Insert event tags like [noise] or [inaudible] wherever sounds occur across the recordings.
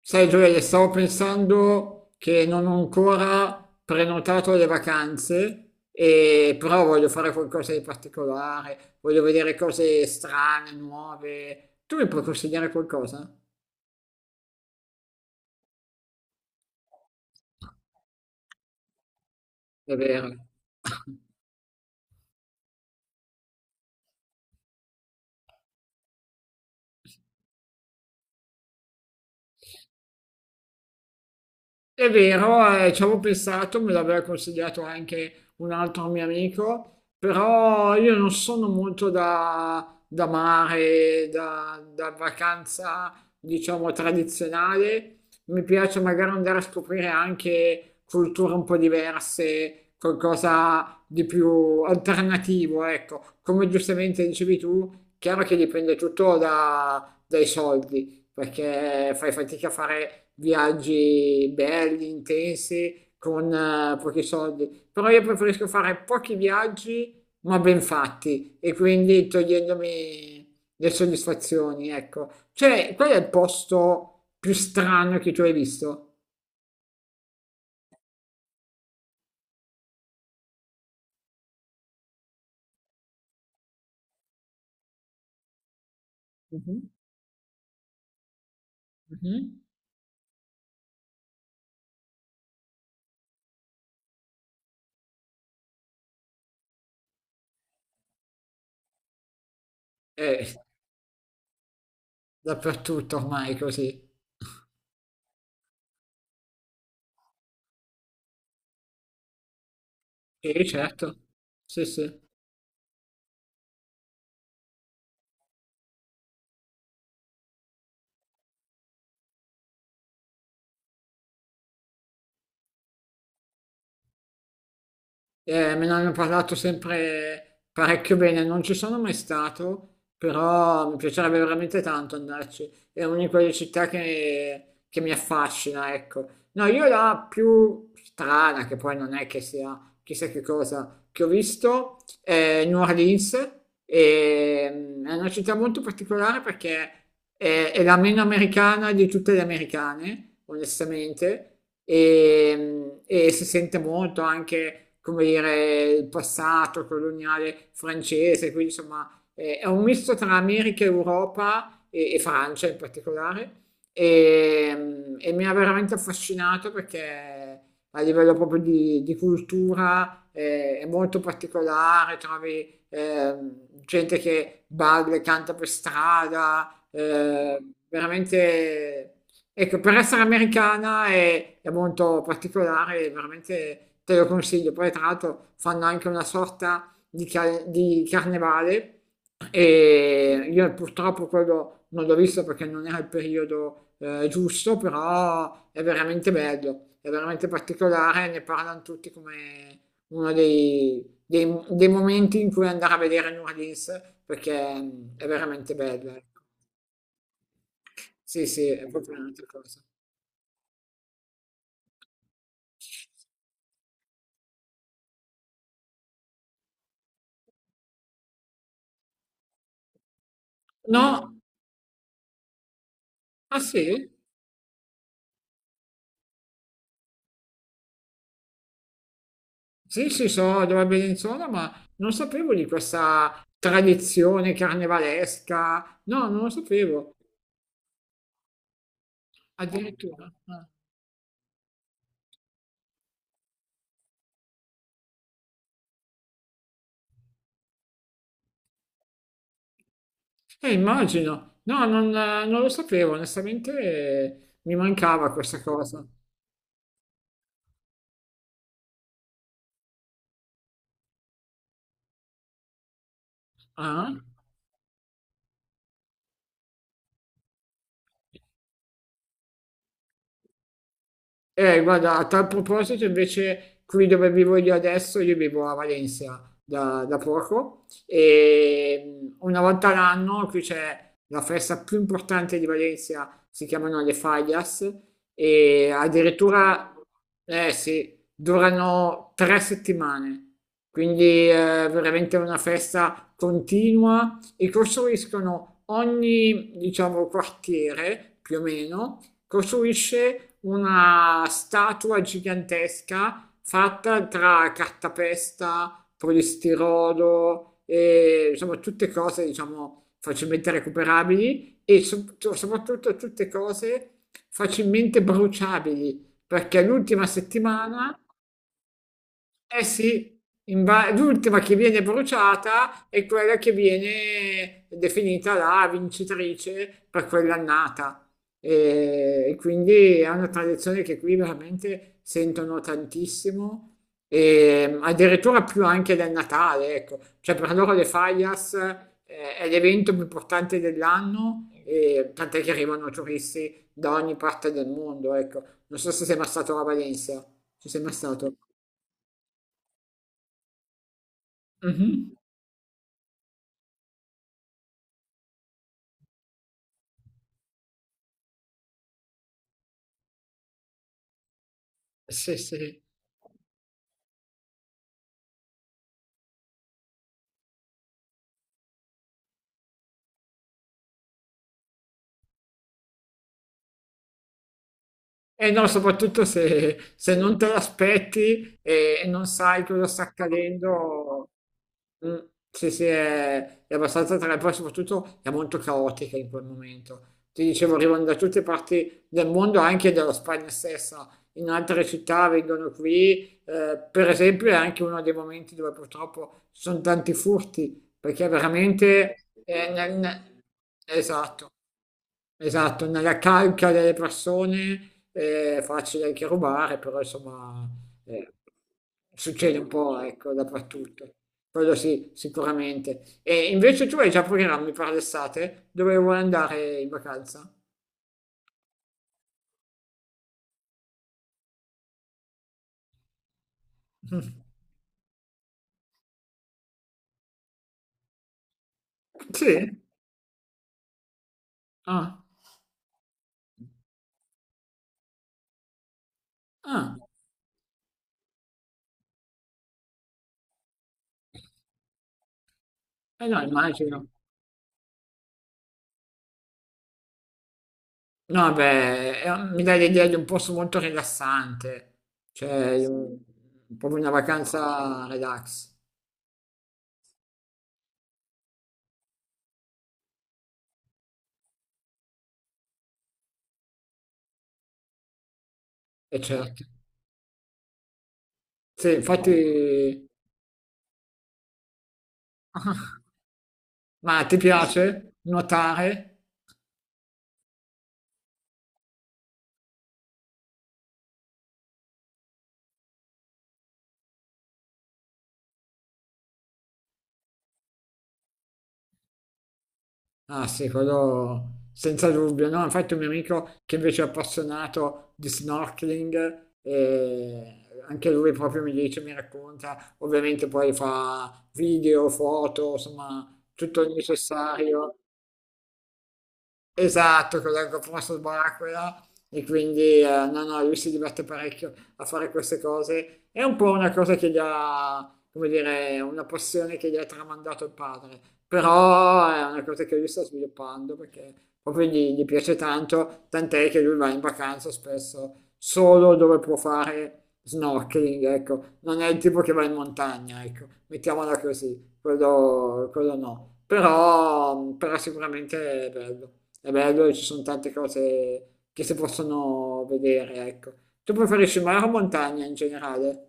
Sai Gioele, stavo pensando che non ho ancora prenotato le vacanze, però voglio fare qualcosa di particolare, voglio vedere cose strane, nuove. Tu mi puoi consigliare qualcosa? Davvero? [laughs] È vero, ci avevo pensato, me l'aveva consigliato anche un altro mio amico, però io non sono molto da mare, da vacanza, diciamo, tradizionale. Mi piace magari andare a scoprire anche culture un po' diverse, qualcosa di più alternativo, ecco. Come giustamente dicevi tu, chiaro che dipende tutto dai soldi perché fai fatica a fare viaggi belli, intensi, con pochi soldi. Però io preferisco fare pochi viaggi, ma ben fatti, e quindi togliendomi le soddisfazioni, ecco. Cioè, qual è il posto più strano che tu hai visto? Mhm, mhm. Eh, dappertutto ormai è così. Sì, certo. Sì, sì. Me ne hanno parlato sempre parecchio bene, non ci sono mai stato, però mi piacerebbe veramente tanto andarci. È una di quelle città che mi affascina, ecco. No, io la più strana, che poi non è che sia chissà che cosa, che ho visto è New Orleans, è una città molto particolare perché è la meno americana di tutte le americane, onestamente, e si sente molto anche, come dire, il passato coloniale francese, quindi insomma è un misto tra America e Europa e Francia in particolare e mi ha veramente affascinato perché a livello proprio di cultura è molto particolare, trovi gente che balla e canta per strada, veramente Ecco, per essere americana è molto particolare, veramente te lo consiglio. Poi, tra l'altro, fanno anche una sorta di carnevale e io purtroppo quello non l'ho visto perché non era il periodo giusto, però è veramente bello, è veramente particolare, ne parlano tutti come uno dei momenti in cui andare a vedere New Orleans perché è veramente bello. Ecco. Sì, sì, è proprio un'altra cosa. No, Ah sì? Sì, sì, so dove Bellinzona, ma non sapevo di questa tradizione carnevalesca. No, non lo sapevo, addirittura. Ah. Immagino. No, non, non lo sapevo, onestamente mi mancava questa cosa. Ah? Guarda, a tal proposito, invece, qui dove vivo io adesso, io vivo a Valencia da poco e una volta all'anno qui c'è la festa più importante di Valencia, si chiamano le Fallas e addirittura, eh sì, durano 3 settimane. Quindi è veramente una festa continua e costruiscono ogni, diciamo, quartiere più o meno costruisce una statua gigantesca fatta tra cartapesta, polistirolo e insomma tutte cose, diciamo, facilmente recuperabili e soprattutto tutte cose facilmente bruciabili, perché l'ultima settimana eh sì, l'ultima che viene bruciata è quella che viene definita la vincitrice per quell'annata. E quindi è una tradizione che qui veramente sentono tantissimo, e addirittura più anche del Natale, ecco. Cioè per loro le Fallas è l'evento più importante dell'anno, e tant'è che arrivano turisti da ogni parte del mondo, ecco. Non so se sei mai stato a Valencia, ci sei mai stato? Mhm. Sì, sì, E no, soprattutto se, se non te l'aspetti e non sai cosa sta accadendo, mm, sì, sì, è abbastanza tra poi soprattutto è molto caotica in quel momento. Ti dicevo, arrivano da tutte parti del mondo, anche dalla Spagna stessa, in altre città vengono qui, per esempio è anche uno dei momenti dove purtroppo ci sono tanti furti, perché veramente... esatto. Esatto, nella calca delle persone è facile anche rubare, però insomma eh, succede un po', ecco, dappertutto. Quello sì, sicuramente. E invece tu hai già programmi per l'estate? Dove vuoi andare in vacanza? [laughs] Sì? Ah, ah, eh no, immagino. No, beh, mi dai l'idea di un posto molto rilassante, cioè proprio una vacanza relax, e certo. Sì, infatti, [laughs] ma ti piace nuotare? Ah sì, quello senza dubbio, no? Infatti un mio amico che invece è appassionato di snorkeling, anche lui proprio mi dice, mi racconta, ovviamente poi fa video, foto, insomma tutto il necessario Esatto, con la GoPro subacquea e quindi no, no, lui si diverte parecchio a fare queste cose. È un po' una cosa che gli ha, come dire, una passione che gli ha tramandato il padre, però è una cosa che lui sta sviluppando perché proprio gli piace tanto, tant'è che lui va in vacanza spesso solo dove può fare snorkeling, ecco, non è il tipo che va in montagna, ecco, mettiamola così quello no, però sicuramente è bello e ci sono tante cose che si possono vedere, ecco. Tu preferisci mare o montagna in generale?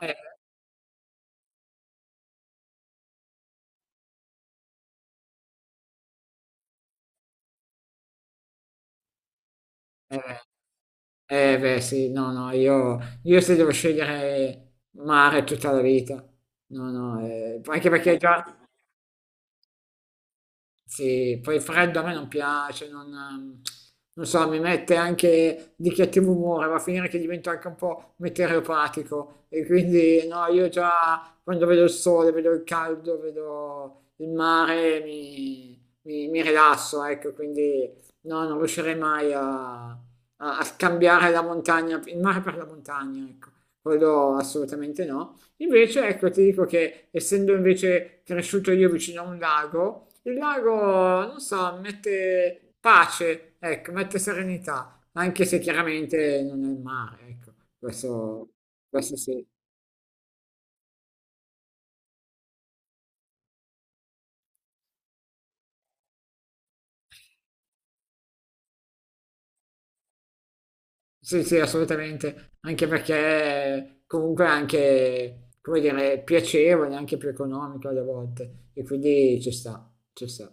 Eh, eh, beh, sì, no, no, io se devo scegliere mare tutta la vita, no, no, anche perché già, Sì, poi il freddo a me non piace, non, non so, mi mette anche di cattivo umore, va a finire che divento anche un po' meteoropatico e quindi no, io già quando vedo il sole, vedo il caldo, vedo il mare, mi rilasso, ecco, quindi no, non riuscirei mai a scambiare la montagna, il mare per la montagna, ecco, quello assolutamente no. Invece, ecco, ti dico che essendo invece cresciuto io vicino a un lago, il lago, non so, mette pace, ecco, mette serenità, anche se chiaramente non è il mare, ecco, questo, questo sì. Sì, sì, assolutamente, anche perché comunque è anche, come dire, piacevole, anche più economico alle volte, e quindi ci sta.